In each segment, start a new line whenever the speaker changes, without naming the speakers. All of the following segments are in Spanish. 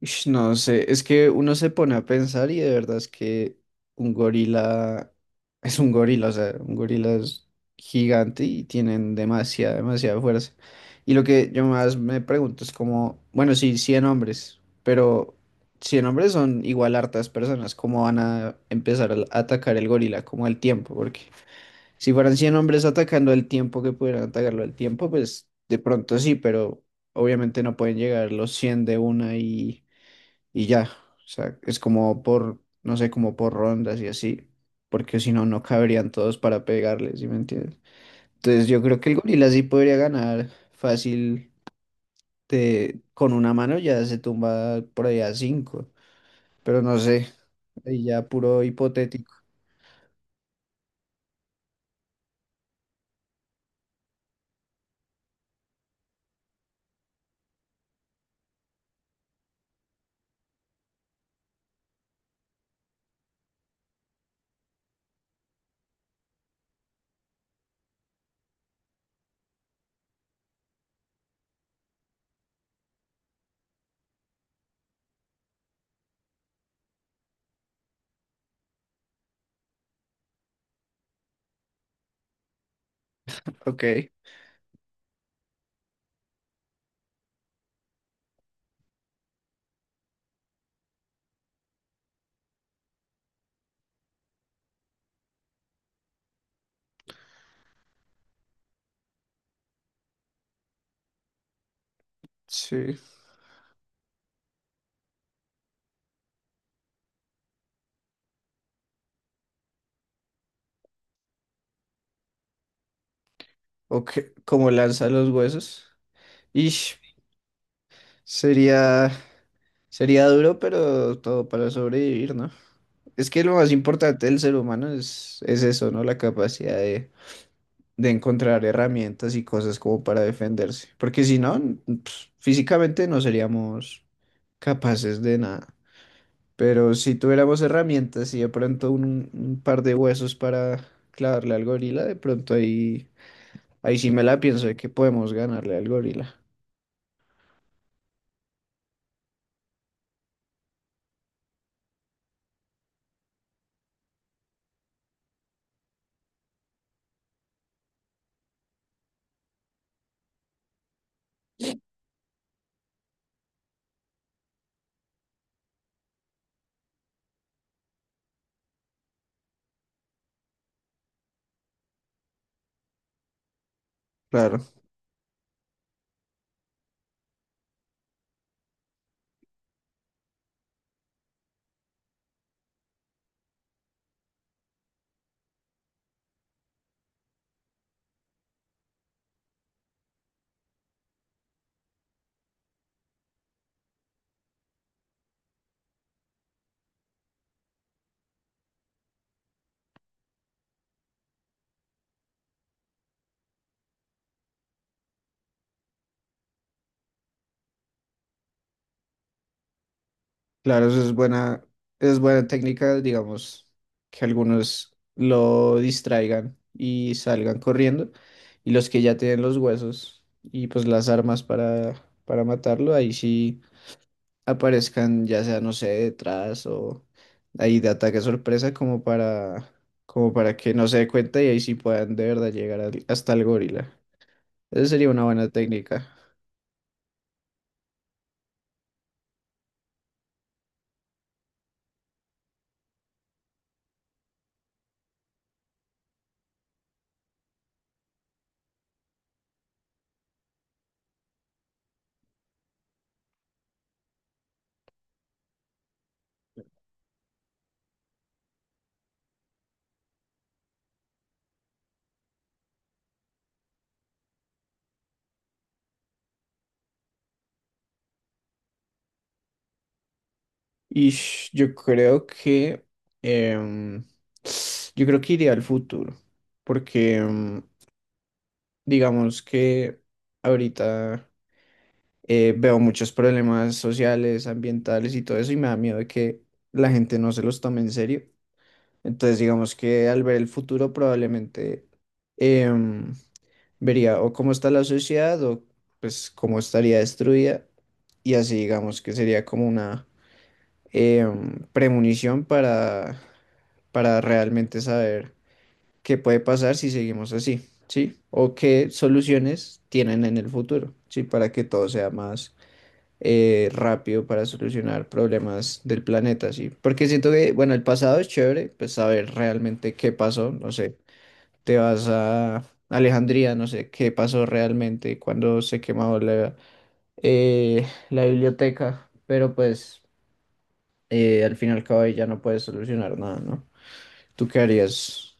Ush, no sé, es que uno se pone a pensar y de verdad es que un gorila es un gorila, o sea, un gorila es gigante y tienen demasiada, demasiada fuerza. Y lo que yo más me pregunto es como, bueno, sí, 100 hombres, pero 100 hombres son igual hartas personas, ¿cómo van a empezar a atacar el gorila? Como el tiempo, porque si fueran 100 hombres atacando el tiempo que pudieran atacarlo al tiempo, pues de pronto sí, pero obviamente no pueden llegar los 100 de una y ya. O sea, es como por, no sé, como por rondas y así, porque si no, no caberían todos para pegarles, ¿sí me entiendes? Entonces yo creo que el gorila sí podría ganar fácil con una mano ya se tumba por ahí a cinco, pero no sé, ahí ya puro hipotético. Ok, sí. Ok, como lanza los huesos. Ish, sería, sería duro, pero todo para sobrevivir, ¿no? Es que lo más importante del ser humano es eso, ¿no? La capacidad de encontrar herramientas y cosas como para defenderse. Porque si no, n- pues, físicamente no seríamos capaces de nada. Pero si tuviéramos herramientas y de pronto un par de huesos para clavarle al gorila, de pronto ahí, ahí sí me la pienso de que podemos ganarle al gorila. Claro. Claro, eso es buena técnica, digamos, que algunos lo distraigan y salgan corriendo, y los que ya tienen los huesos y pues las armas para matarlo, ahí sí aparezcan, ya sea, no sé, detrás o ahí de ataque sorpresa como para que no se dé cuenta y ahí sí puedan de verdad llegar hasta el gorila. Esa sería una buena técnica. Y yo creo que em, iría al futuro, porque digamos que ahorita veo muchos problemas sociales, ambientales y todo eso, y me da miedo de que la gente no se los tome en serio. Entonces, digamos que al ver el futuro probablemente em, vería o cómo está la sociedad o pues cómo estaría destruida y así digamos que sería como una eh, premonición para realmente saber qué puede pasar si seguimos así, ¿sí? O qué soluciones tienen en el futuro, ¿sí? Para que todo sea más rápido para solucionar problemas del planeta, ¿sí? Porque siento que, bueno, el pasado es chévere, pues saber realmente qué pasó, no sé, te vas a Alejandría, no sé qué pasó realmente cuando se quemó la biblioteca, pero pues al fin y al cabo ahí ya no puedes solucionar nada, ¿no? ¿Tú qué harías?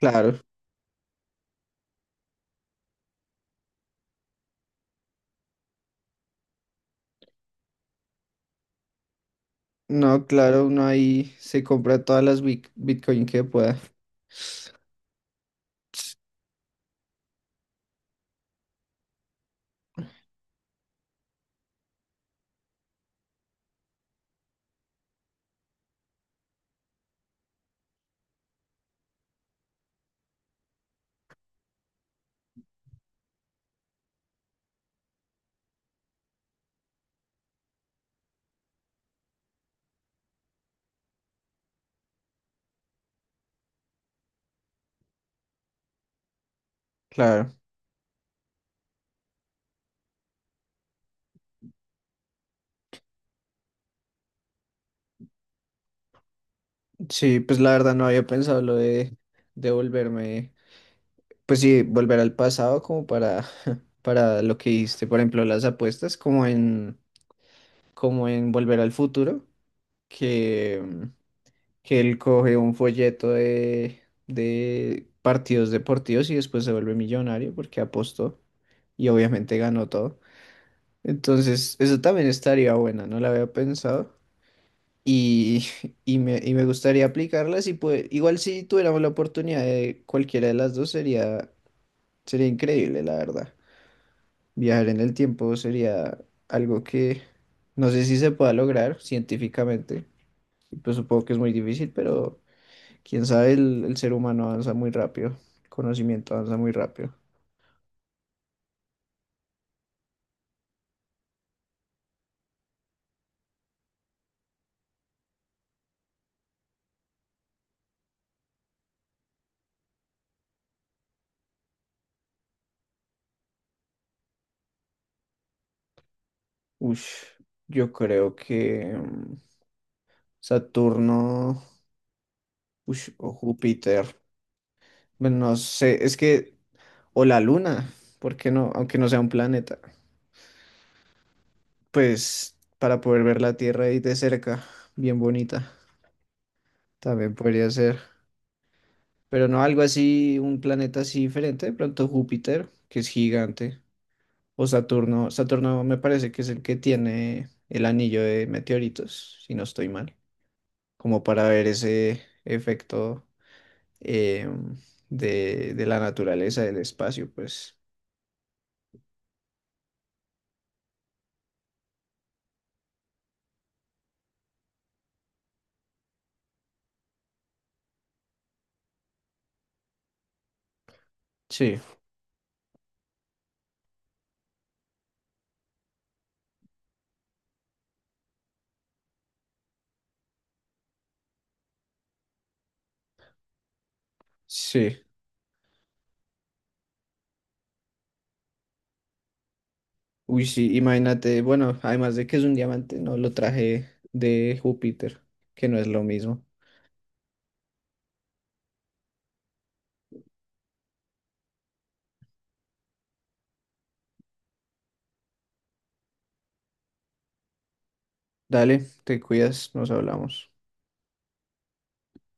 Claro, no, claro, uno ahí se compra todas las Bitcoin que pueda. Claro, sí, pues la verdad no había pensado lo de volverme, pues sí, volver al pasado como para, para lo que hiciste, por ejemplo, las apuestas, como en Volver al Futuro, que, mm, que él coge un folleto de partidos deportivos y después se vuelve millonario porque apostó. Y obviamente ganó todo. Entonces, eso también estaría bueno, no la había pensado. Y, y me gustaría aplicarlas y pues igual si tuviéramos la oportunidad de cualquiera de las dos sería, sería increíble, la verdad. Viajar en el tiempo sería algo que no sé si se pueda lograr científicamente. Y pues supongo que es muy difícil, pero quién sabe, el ser humano avanza muy rápido, el conocimiento avanza muy rápido. Ush, yo creo que Saturno. Ush, o Júpiter. Bueno, no sé, es que, o la Luna, ¿por qué no? Aunque no sea un planeta. Pues para poder ver la Tierra ahí de cerca, bien bonita, también podría ser. Pero no algo así, un planeta así diferente, de pronto Júpiter, que es gigante, o Saturno. Saturno me parece que es el que tiene el anillo de meteoritos, si no estoy mal, como para ver ese efecto em, de la naturaleza, del espacio, pues sí. Sí, uy, sí, imagínate, bueno, además de que es un diamante, no lo traje de Júpiter, que no es lo mismo. Dale, te cuidas, nos hablamos.